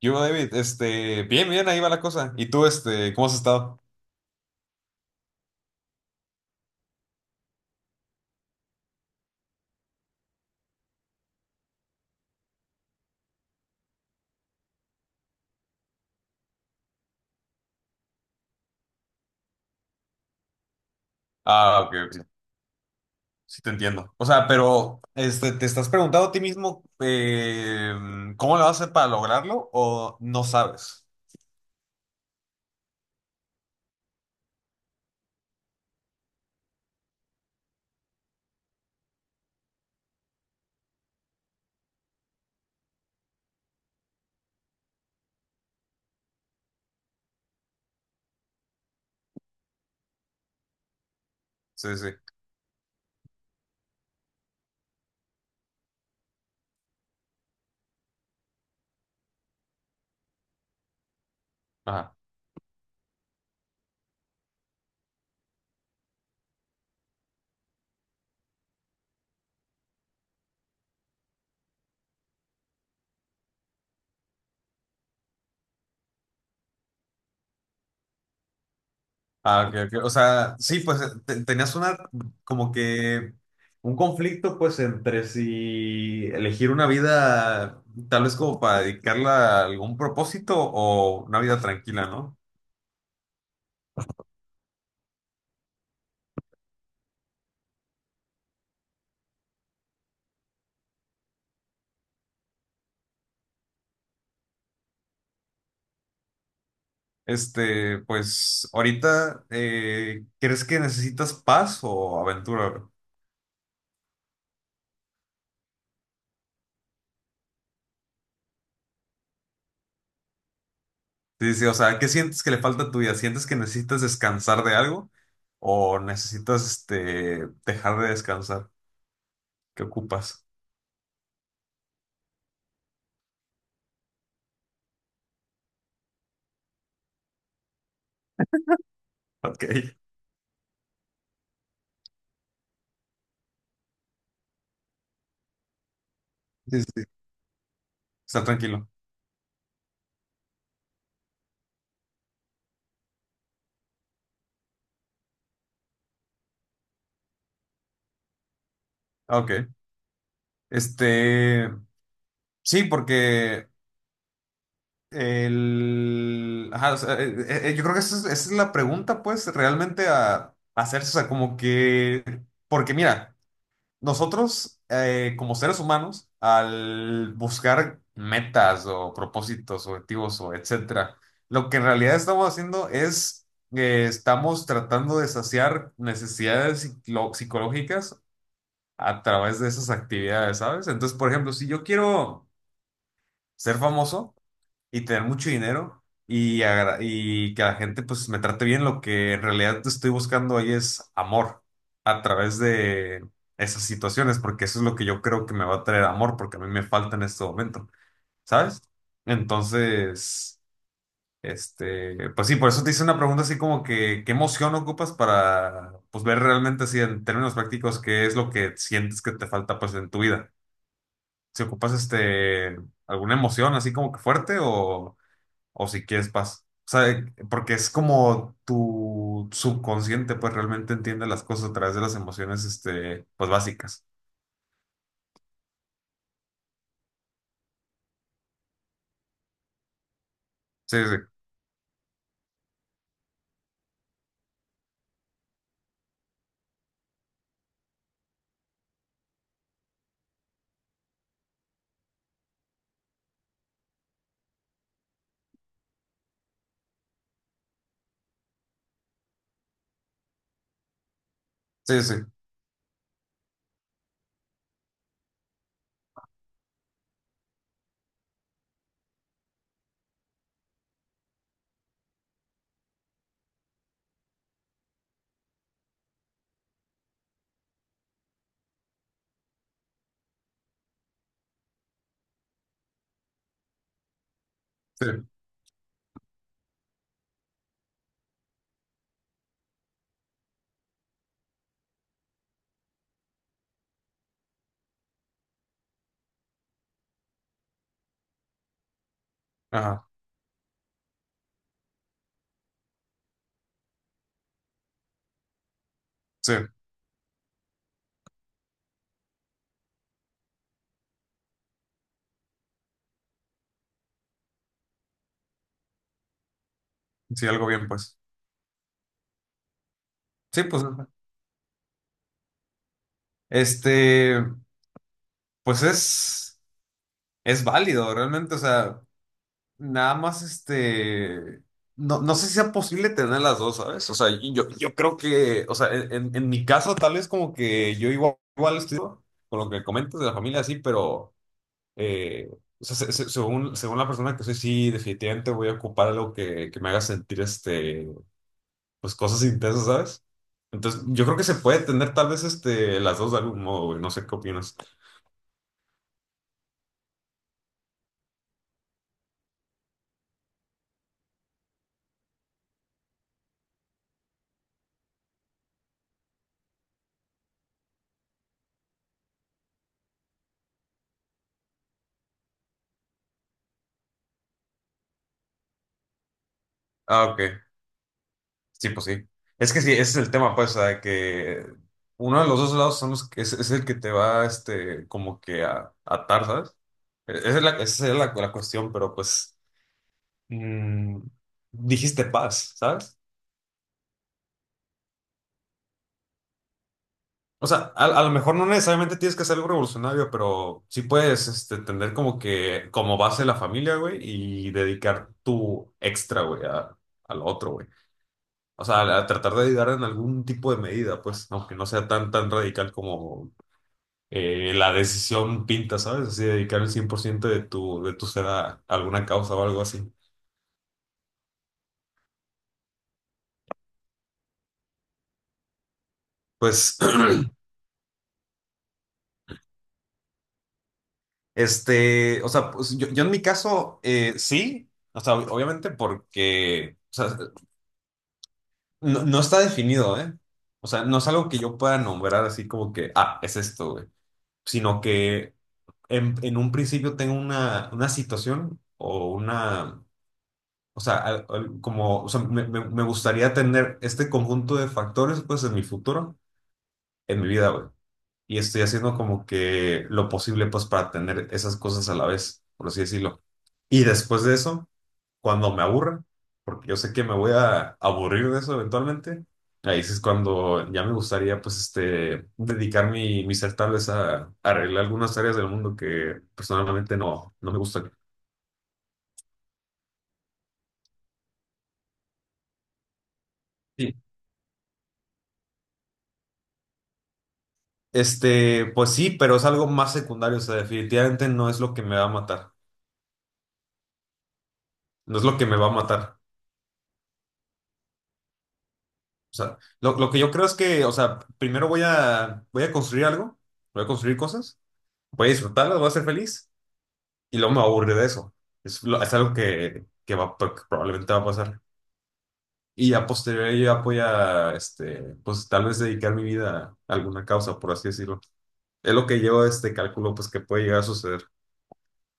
Yo, David, bien, bien, ahí va la cosa. ¿Y tú, cómo has estado? Ah, ok, ok. Sí te entiendo. O sea, pero, ¿te estás preguntando a ti mismo cómo lo vas a hacer para lograrlo o no sabes? Sí, sí. Ajá. Ah, ok, ok. O sea, sí, pues tenías una, como que, un conflicto, pues, entre si elegir una vida, tal vez como para dedicarla a algún propósito o una vida tranquila, ¿no? Pues ahorita, ¿crees que necesitas paz o aventura, bro? Sí, sí, o sea, ¿qué sientes que le falta a tu vida? ¿Sientes que necesitas descansar de algo o necesitas, dejar de descansar? ¿Qué ocupas? Ok. Sí, sí. Estar tranquilo. Ah, ok, este, sí, porque ajá, o sea, yo creo que esa es la pregunta, pues, realmente a hacerse, o sea, como que, porque mira. Nosotros, como seres humanos, al buscar metas o propósitos, objetivos o etcétera, lo que en realidad estamos haciendo es que estamos tratando de saciar necesidades psicológicas a través de esas actividades, ¿sabes? Entonces, por ejemplo, si yo quiero ser famoso, y tener mucho dinero y que la gente pues me trate bien. Lo que en realidad estoy buscando ahí es amor a través de esas situaciones, porque eso es lo que yo creo que me va a traer amor, porque a mí me falta en este momento, ¿sabes? Entonces, pues sí, por eso te hice una pregunta así como que, ¿qué emoción ocupas para pues ver realmente así en términos prácticos qué es lo que sientes que te falta pues en tu vida? Si ocupas alguna emoción así como que fuerte o si quieres paz. O sea, porque es como tu subconsciente, pues realmente entiende las cosas a través de las emociones, pues básicas. Sí, sí, sí, sí, sí. Ajá, sí, sí, algo bien, pues. Sí, pues, este, pues es válido, realmente, o sea, nada más, no sé si sea posible tener las dos, ¿sabes? O sea, y yo creo que, o sea, en mi caso, tal vez como que yo igual, igual estoy con lo que comentas de la familia, sí, pero... Eh, o sea, según, según la persona que soy, sí, definitivamente voy a ocupar algo que me haga sentir, pues cosas intensas, ¿sabes? Entonces, yo creo que se puede tener tal vez, las dos de algún modo, güey. No sé qué opinas. Ah, ok. Sí, pues sí. Es que sí, ese es el tema, pues, o sea, que uno de los dos lados son los que es el que te va, como que a atar, ¿sabes? Esa es la cuestión, pero pues, mm, dijiste paz, ¿sabes? O sea, a lo mejor no necesariamente tienes que hacer algo revolucionario, pero sí puedes tener como que como base la familia, güey, y dedicar tu extra, güey, a lo otro, güey. O sea, a tratar de ayudar en algún tipo de medida, pues, aunque no sea tan, tan radical como la decisión pinta, ¿sabes? Así, dedicar el 100% de tu ser a alguna causa o algo así. Pues, o sea, pues yo en mi caso, sí, o sea, obviamente porque... O sea, No está definido, ¿eh? O sea, no es algo que yo pueda nombrar así como que, ah, es esto, güey. Sino que en un principio tengo una situación o sea, como, o sea, me gustaría tener este conjunto de factores, pues, en mi futuro, en mi vida, güey. Y estoy haciendo como que lo posible, pues, para tener esas cosas a la vez, por así decirlo. Y después de eso cuando me aburra, porque yo sé que me voy a aburrir de eso eventualmente, ahí sí es cuando ya me gustaría, pues, dedicar mi ser tal vez a, arreglar algunas áreas del mundo que personalmente no me gustan. Sí. Pues sí, pero es algo más secundario, o sea, definitivamente no es lo que me va a matar, no es lo que me va a matar. O sea, lo que yo creo es que, o sea, primero voy a construir algo, voy a construir cosas, voy a disfrutarlas, voy a ser feliz. Y luego me va de eso. Es algo que va, que probablemente va a pasar. Y a posteriori yo voy a, pues tal vez dedicar mi vida a alguna causa, por así decirlo. Es lo que yo, calculo, pues que puede llegar a suceder.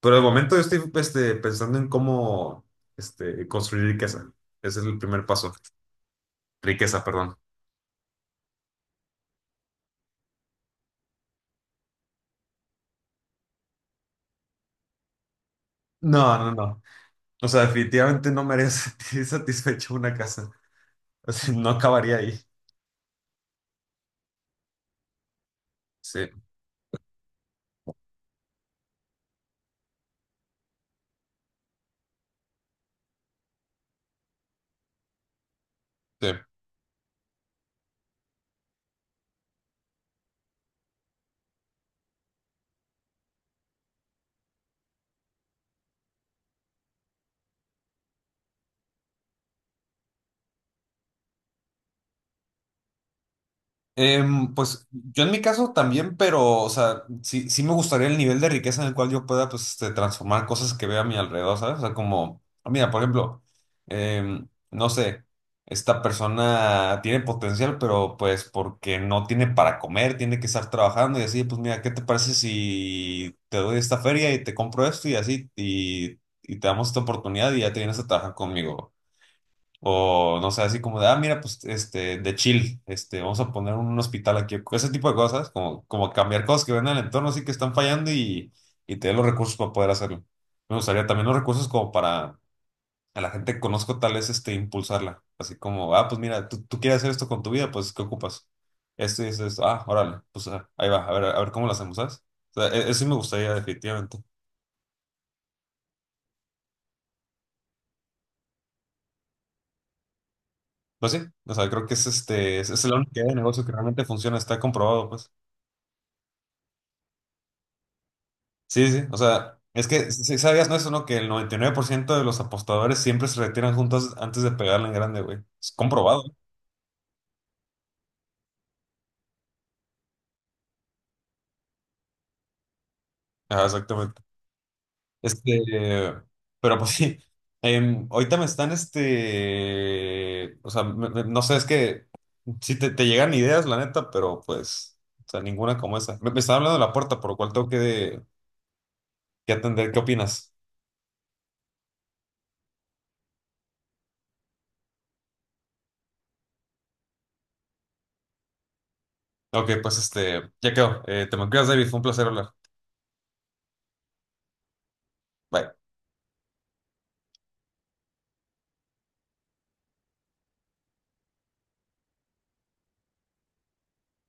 Pero de momento yo estoy, pensando en cómo, construir riqueza. Ese es el primer paso. Riqueza, perdón. No, no, no. O sea, definitivamente no me haría sentir satisfecho una casa. O sea, no acabaría ahí. Sí, sí. Pues yo en mi caso también, pero, o sea, sí, sí me gustaría el nivel de riqueza en el cual yo pueda, pues, transformar cosas que veo a mi alrededor, ¿sabes? O sea, como, ah, mira, por ejemplo, no sé, esta persona tiene potencial, pero pues porque no tiene para comer, tiene que estar trabajando y así, pues mira, ¿qué te parece si te doy esta feria y te compro esto y así, y te damos esta oportunidad y ya te vienes a trabajar conmigo? O no sé, así como de, ah, mira, pues de chill, vamos a poner un hospital aquí, ese tipo de cosas, como cambiar cosas que ven en el entorno, así que están fallando y tener los recursos para poder hacerlo. Me gustaría también los recursos como para a la gente que conozco, tal vez impulsarla, así como, ah, pues mira, tú quieres hacer esto con tu vida, pues ¿qué ocupas? Esto y esto, esto. Ah, órale, pues ah, ahí va, a ver cómo lo hacemos, ¿sabes? O sea, eso sí me gustaría definitivamente. Pues sí, o sea, creo que es la única idea de negocio que realmente funciona, está comprobado, pues. Sí, sí, o sea, es que si sabías, ¿no? Eso, ¿no? Que el 99% de los apostadores siempre se retiran juntos antes de pegarle en grande, güey. Es comprobado, ¿eh? Ajá, exactamente. Este, pero pues sí, ahorita me están, o sea, no sé, es que sí te llegan ideas, la neta, pero pues, o sea, ninguna como esa. Me estaba hablando de la puerta, por lo cual tengo que atender. ¿Qué opinas? Ok, pues ya quedó. Te me cuidas, David, fue un placer hablar. Bye.